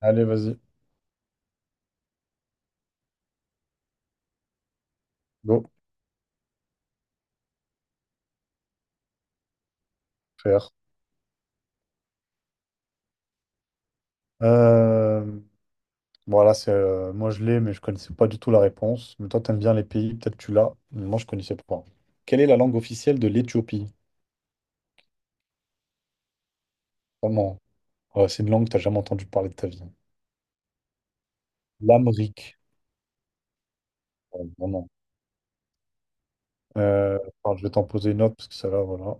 Allez, vas-y, go, faire. Euh, voilà, c'est moi je l'ai, mais je connaissais pas du tout la réponse. Mais toi, t'aimes bien les pays, peut-être tu l'as, mais moi je connaissais pas. Quelle est la langue officielle de l'Éthiopie? Vraiment. Ouais, c'est une langue que t'as jamais entendu parler de ta vie. L'Amérique. Ouais, vraiment. Attends, je vais t'en poser une autre parce que celle-là, voilà.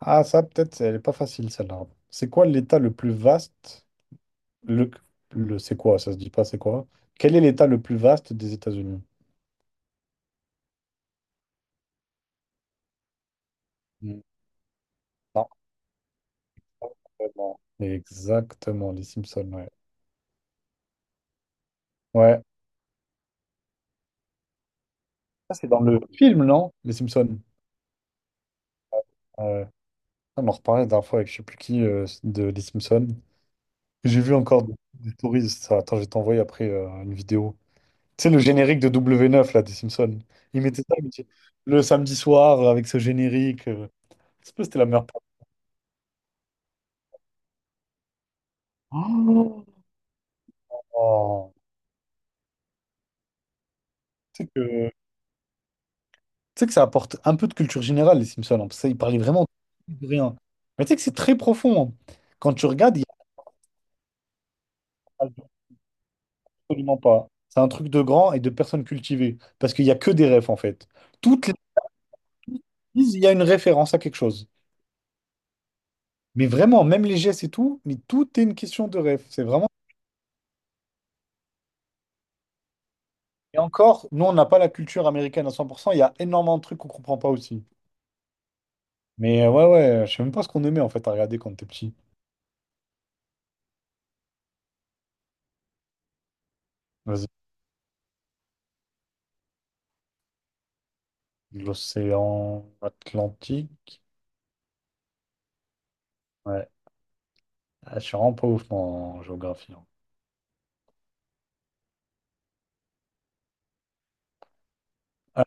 Ah, ça, peut-être, elle est pas facile celle-là. C'est quoi l'État le plus vaste? Le, le c'est quoi? Ça se dit pas, c'est quoi? Quel est l'État le plus vaste des États-Unis? Hmm. Exactement. Exactement, les Simpsons, ouais. Ouais. Ça, c'est dans le film, non? Les Simpsons. Ouais. On en reparlait la dernière fois avec je sais plus qui de les Simpsons. J'ai vu encore des stories. Ça. Attends, je vais t'envoyer après une vidéo. Tu sais, le générique de W9, là, des Simpsons. Ils mettaient le samedi soir avec ce générique. Je sais pas si c'était la meilleure part. Oh. Oh. Tu sais que ça apporte un peu de culture générale, les Simpsons, hein, parce qu'ils parlaient vraiment de rien. Mais tu sais que c'est très profond, hein. Quand tu regardes, y a- absolument pas. C'est un truc de grand et de personnes cultivées. Parce qu'il n'y a que des refs, en fait. Toutes les prises, il y a une référence à quelque chose. Mais vraiment, même les gestes et tout, mais tout est une question de ref. C'est vraiment. Et encore, nous, on n'a pas la culture américaine à 100%. Il y a énormément de trucs qu'on comprend pas aussi. Mais ouais, je sais même pas ce qu'on aimait, en fait, à regarder quand t'es petit. Vas-y. L'océan Atlantique. Ouais. Ah, je suis vraiment pas ouf en géographie, hein. Ah,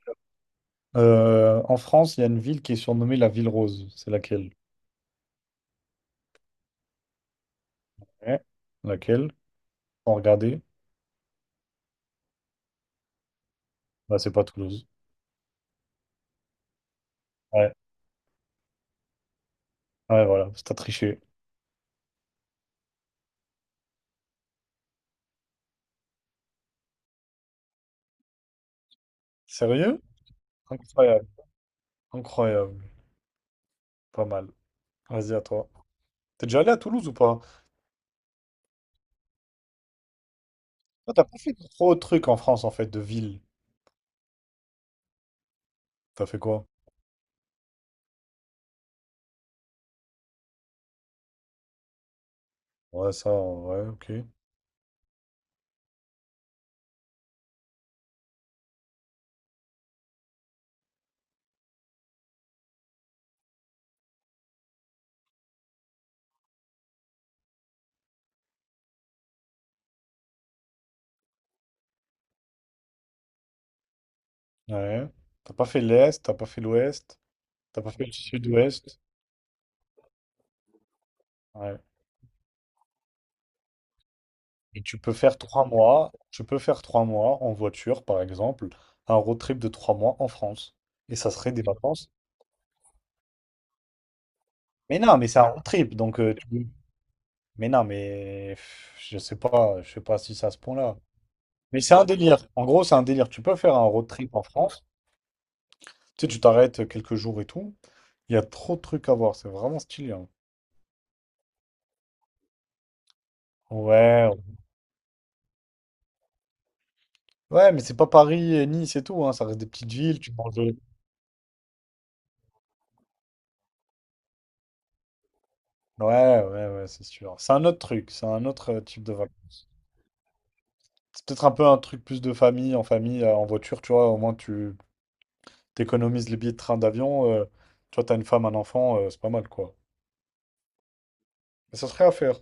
En France, il y a une ville qui est surnommée la Ville Rose. C'est laquelle? Ouais. Laquelle? Sans regarder. Bah, c'est pas Toulouse. Ouais, ouais, voilà, t'as triché. Sérieux? Incroyable, incroyable. Pas mal. Vas-y, à toi. T'es déjà allé à Toulouse ou pas? Toi, t'as pas fait trop de trucs en France, en fait, de ville. T'as fait quoi? Ouais, ça, ouais, ok. Ouais. T'as pas fait l'Est, t'as pas fait l'Ouest, t'as pas fait le Sud-Ouest. Ouais. Et tu peux faire trois mois en voiture, par exemple, un road trip de 3 mois en France. Et ça serait des vacances. Mais non, mais c'est un road trip, donc tu. Mais non, mais pff, je sais pas si ça se ce là. Mais c'est un délire. En gros, c'est un délire. Tu peux faire un road trip en France. Tu sais, tu t'arrêtes quelques jours et tout. Il y a trop de trucs à voir. C'est vraiment stylé, hein. Ouais. Ouais, mais c'est pas Paris et Nice et tout, hein. Ça reste des petites villes. Tu manges de-. Ouais, ouais, ouais, c'est sûr. C'est un autre truc. C'est un autre type de vacances. C'est peut-être un peu un truc plus de famille, en famille, en voiture. Tu vois, au moins tu t'économises les billets de train, d'avion. Tu vois, t'as une femme, un enfant, c'est pas mal, quoi. Mais ça serait à faire.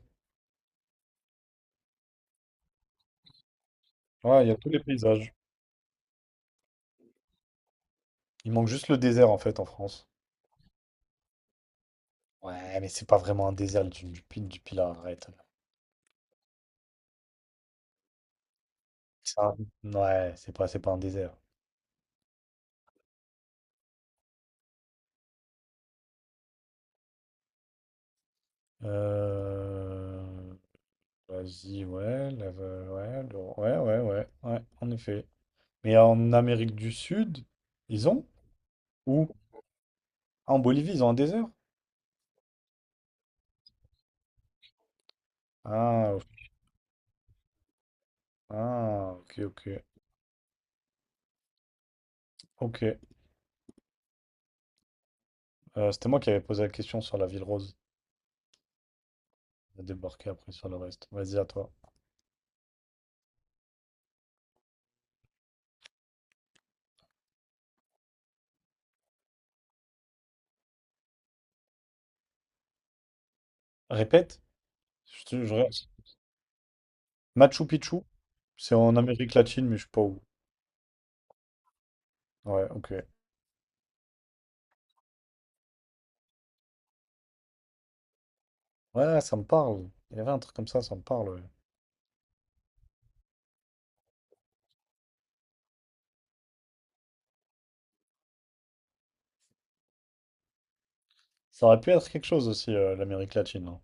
Ouais, il y a tous les paysages. Il manque juste le désert en fait en France. Ouais, mais c'est pas vraiment un désert, les dunes du Pilat, arrête. C'est un- Ouais, c'est pas un désert. Euh... Vas-y, ouais, ouais, en effet. Mais en Amérique du Sud, ils ont? Où? Ah, en Bolivie, ils ont un désert? Ah, ok, ah, ok, ok. Ok. C'était moi qui avais posé la question sur la ville rose. On a débarqué après sur le reste. Vas-y, à toi. Répète. Je, te- je- Machu Picchu? C'est en Amérique latine, mais je sais pas où. Ouais, ok. Ouais, ça me parle. Il y avait un truc comme ça me parle, ouais. Ça aurait pu être quelque chose aussi, l'Amérique latine, hein.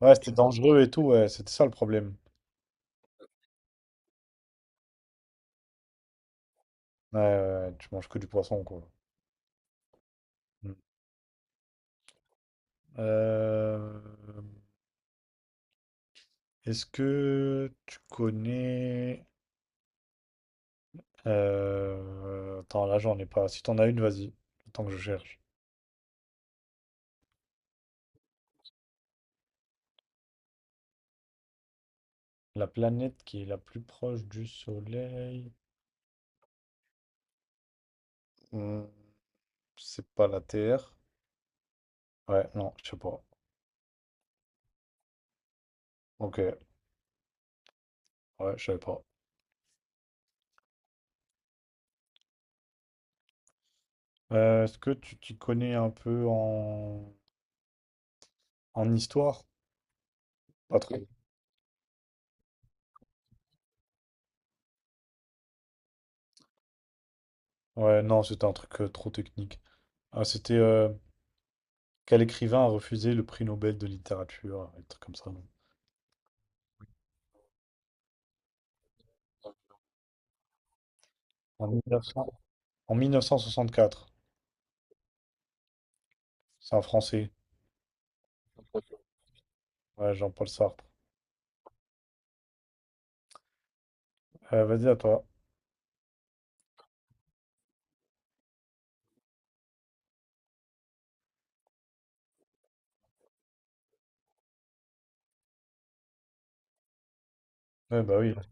Ouais, c'était dangereux et tout, ouais, c'était ça le problème. Ouais, ouais, ouais, tu manges que du poisson, quoi. Mm. Euh, est-ce que tu connais... attends, là, j'en ai pas. Si t'en as une, vas-y. Tant que je cherche. La planète qui est la plus proche du Soleil... Hmm, c'est pas la Terre. Ouais, non, je sais pas. Ok, ouais, je savais pas. Est-ce que tu t'y connais un peu en histoire? Pas trop. Ouais, non, c'était un truc trop technique. Ah, c'était quel écrivain a refusé le prix Nobel de littérature, un truc comme ça. En 1900 En 1964. C'est un Français. Ouais, Jean-Paul Sartre. Vas-y, à toi. Ouais, bah oui. Ouais,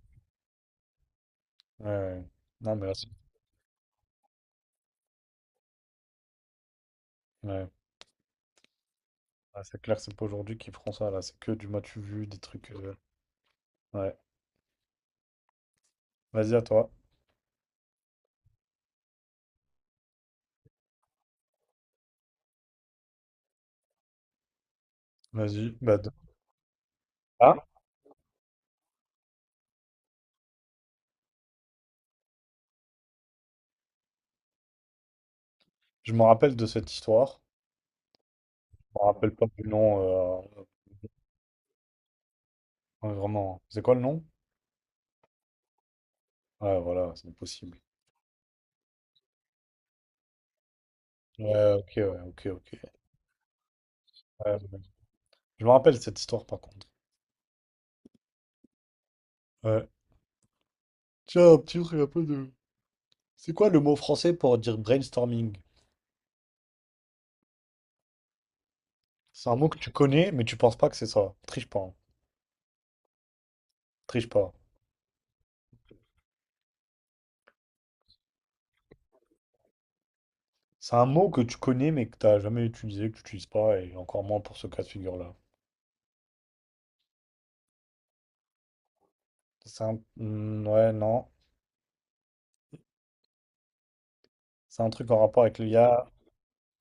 ouais, ouais. Non, mais là, c'est ouais. Ouais, c'est clair, c'est pas aujourd'hui qu'ils feront ça, là. C'est que du matu vu, des trucs. Ouais. Vas-y, à toi. Vas-y, bah de- Ah, je me rappelle de cette histoire. Je me rappelle pas du nom. euh, ouais, vraiment. C'est quoi le nom? Ouais, voilà, c'est impossible. Ouais, ok, ouais, ok, ok. Ouais, ouais, je me rappelle de cette histoire par contre. Ouais. Tiens, un petit truc un peu de. C'est quoi le mot français pour dire brainstorming? C'est un mot que tu connais, mais tu penses pas que c'est ça. Triche pas, hein. Triche pas. C'est un mot que tu connais, mais que t'as jamais utilisé, que tu utilises pas, et encore moins pour ce cas de figure-là. C'est un. Hmm, ouais, non. C'est un truc en rapport avec l'IA.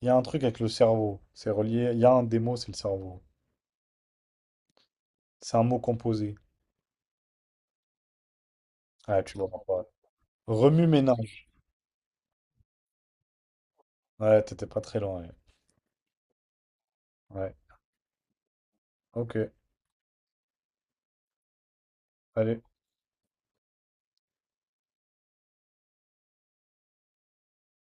Il y a un truc avec le cerveau. C'est relié. Il y a un des mots, c'est le cerveau. C'est un mot composé. Ouais, tu vois pas. Remue-ménage. Ouais, t'étais pas très loin. Ouais. Ouais. Ok. Allez.